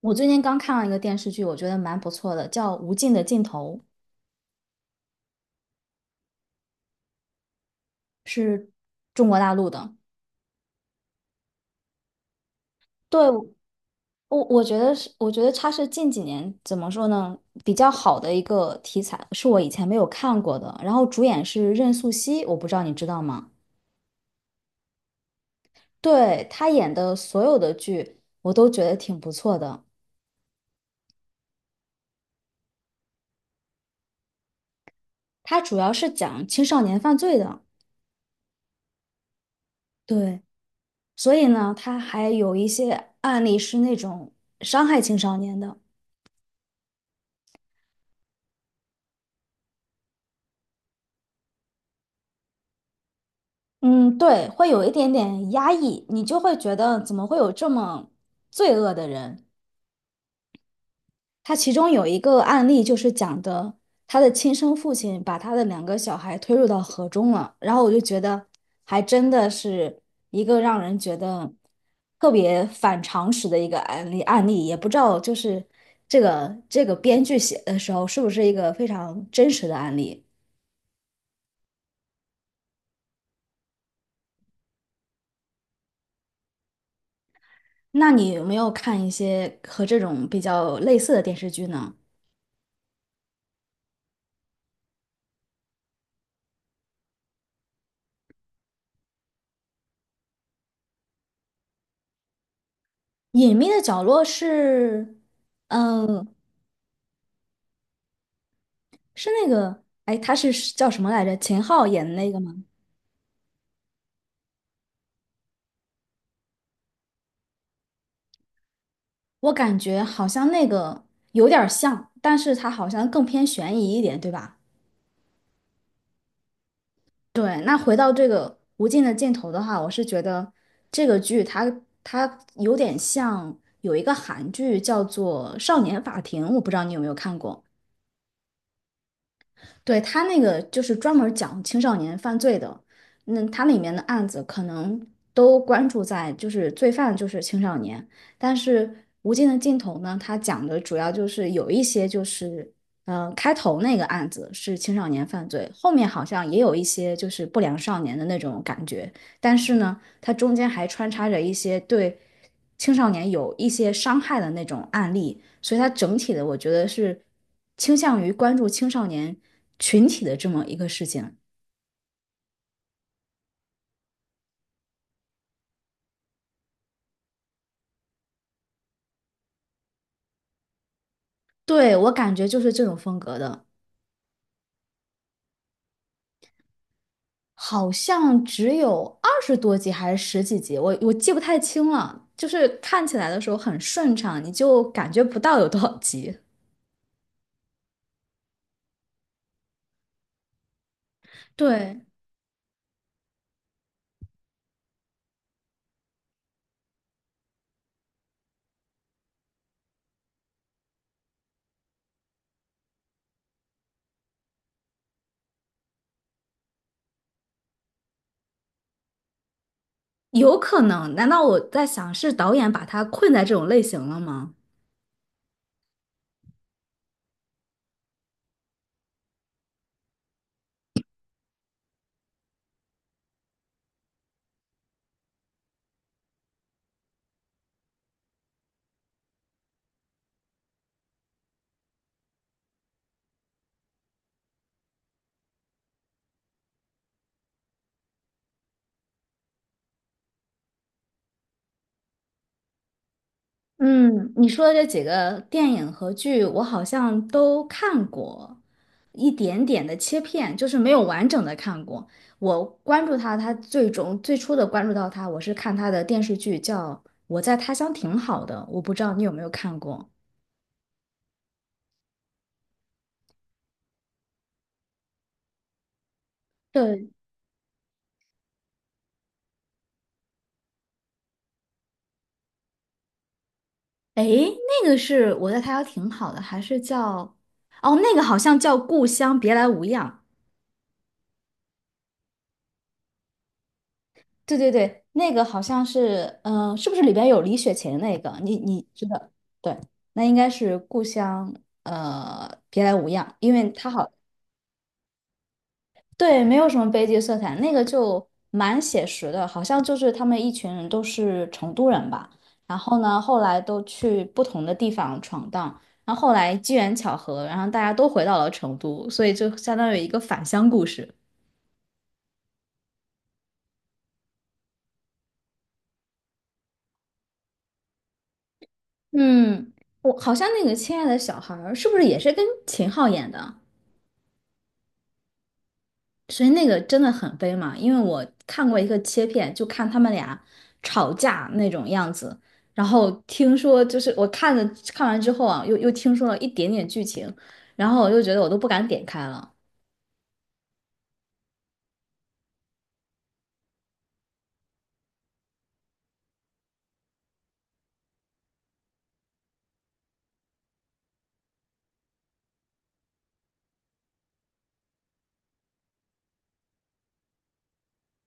我最近刚看了一个电视剧，我觉得蛮不错的，叫《无尽的尽头》，是中国大陆的。对，我觉得是，我觉得它是近几年怎么说呢，比较好的一个题材，是我以前没有看过的。然后主演是任素汐，我不知道你知道吗？对，她演的所有的剧，我都觉得挺不错的。它主要是讲青少年犯罪的，对，所以呢，它还有一些案例是那种伤害青少年的。嗯，对，会有一点点压抑，你就会觉得怎么会有这么罪恶的人？他其中有一个案例就是讲的他的亲生父亲把他的两个小孩推入到河中了，然后我就觉得还真的是一个让人觉得特别反常识的一个案例，也不知道就是这个编剧写的时候是不是一个非常真实的案例？那你有没有看一些和这种比较类似的电视剧呢？隐秘的角落是，嗯，是那个，哎，他是叫什么来着？秦昊演的那个吗？我感觉好像那个有点儿像，但是他好像更偏悬疑一点，对吧？对，那回到这个无尽的尽头的话，我是觉得这个剧它有点像有一个韩剧叫做《少年法庭》，我不知道你有没有看过。对，他那个就是专门儿讲青少年犯罪的，那他里面的案子可能都关注在就是罪犯就是青少年，但是《无尽的尽头》呢，他讲的主要就是有一些就是，嗯，开头那个案子是青少年犯罪，后面好像也有一些就是不良少年的那种感觉，但是呢，它中间还穿插着一些对。青少年有一些伤害的那种案例，所以它整体的我觉得是倾向于关注青少年群体的这么一个事情。对，我感觉就是这种风格的，好像只有二十多集还是十几集，我记不太清了。就是看起来的时候很顺畅，你就感觉不到有多少集。对，有可能。难道我在想是导演把他困在这种类型了吗？嗯，你说的这几个电影和剧，我好像都看过一点点的切片，就是没有完整的看过。我关注他，他最终最初的关注到他，我是看他的电视剧叫《我在他乡挺好的》，我不知道你有没有看过。对，哎，那个是我在他乡挺好的，还是叫哦，那个好像叫《故乡别来无恙》。对对对，那个好像是，是不是里边有李雪琴那个？你知道？对，那应该是故乡，呃，别来无恙，因为他好，对，没有什么悲剧色彩，那个就蛮写实的，好像就是他们一群人都是成都人吧，然后呢，后来都去不同的地方闯荡，然后后来机缘巧合，然后大家都回到了成都，所以就相当于一个返乡故事。嗯，我好像那个《亲爱的小孩》儿是不是也是跟秦昊演的？所以那个真的很悲嘛，因为我看过一个切片，就看他们俩吵架那种样子，然后听说就是我看了看完之后啊，又听说了一点点剧情，然后我就觉得我都不敢点开了。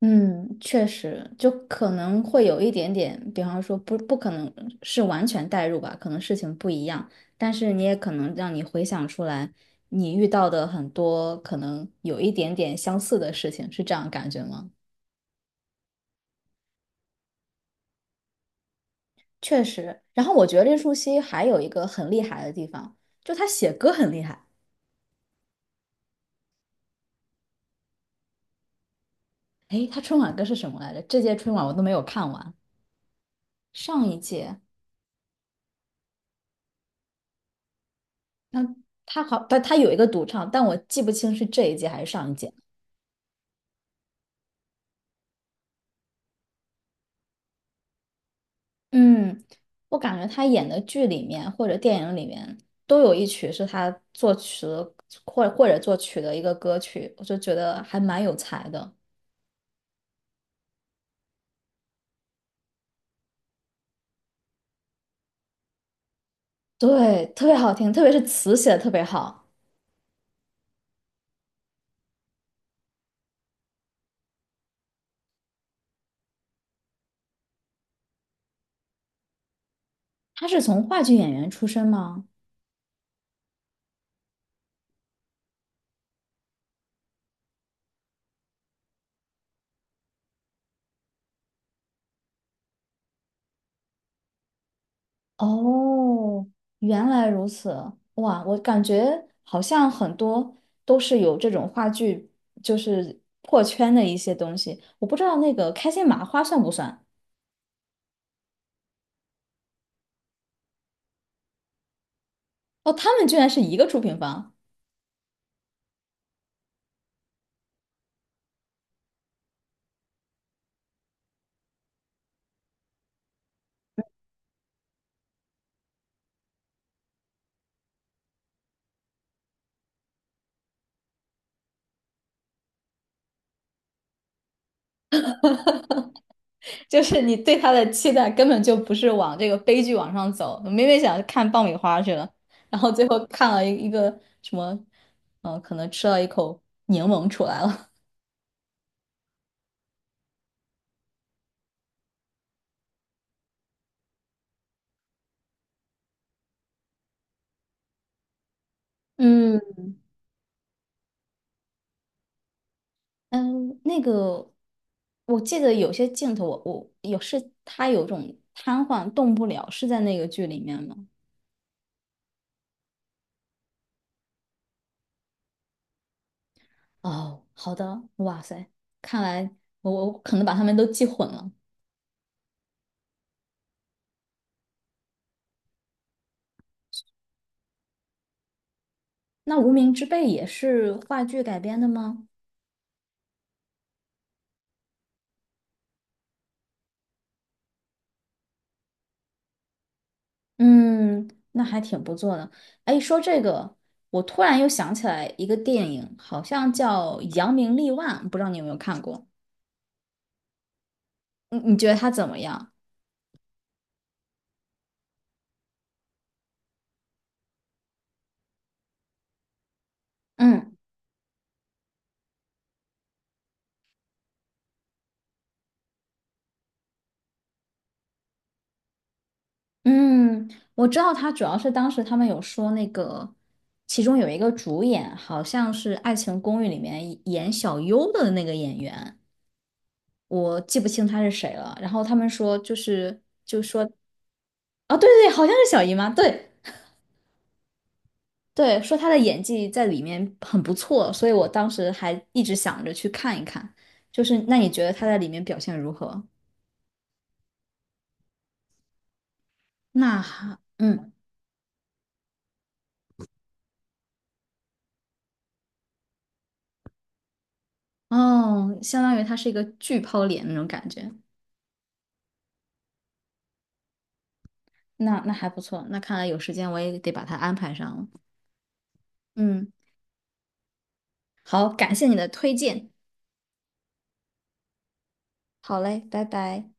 嗯，确实，就可能会有一点点，比方说不可能是完全代入吧，可能事情不一样，但是你也可能让你回想出来你遇到的很多可能有一点点相似的事情，是这样感觉吗？确实。然后我觉得任素汐还有一个很厉害的地方，就她写歌很厉害。诶，她春晚歌是什么来着？这届春晚我都没有看完，上一届，那她好，但她有一个独唱，但我记不清是这一届还是上一届。嗯，我感觉她演的剧里面或者电影里面都有一曲是她作词或者作曲的一个歌曲，我就觉得还蛮有才的。对，特别好听，特别是词写的特别好。她是从话剧演员出身吗？哦，原来如此，哇，我感觉好像很多都是有这种话剧，就是破圈的一些东西。我不知道那个开心麻花算不算？哦，他们居然是一个出品方，就是你对他的期待根本就不是往这个悲剧往上走，明明想看爆米花去了，然后最后看了一个什么，可能吃了一口柠檬出来了。嗯。嗯，那个，我记得有些镜头我，我有是他有种瘫痪动不了，是在那个剧里面吗？哦，好的，哇塞，看来我可能把他们都记混了。那《无名之辈》也是话剧改编的吗？嗯，那还挺不错的。哎，说这个，我突然又想起来一个电影，好像叫《扬名立万》，不知道你有没有看过？你觉得它怎么样？嗯。嗯，我知道他主要是当时他们有说那个，其中有一个主演好像是《爱情公寓》里面演小优的那个演员，我记不清他是谁了。然后他们说就是，啊，对对对，好像是小姨妈，对对，说她的演技在里面很不错，所以我当时还一直想着去看一看。就是那你觉得她在里面表现如何？那还，嗯，哦，相当于她是一个巨抛脸那种感觉。那那还不错，那看来有时间我也得把它安排上了。嗯，好，感谢你的推荐。好嘞，拜拜。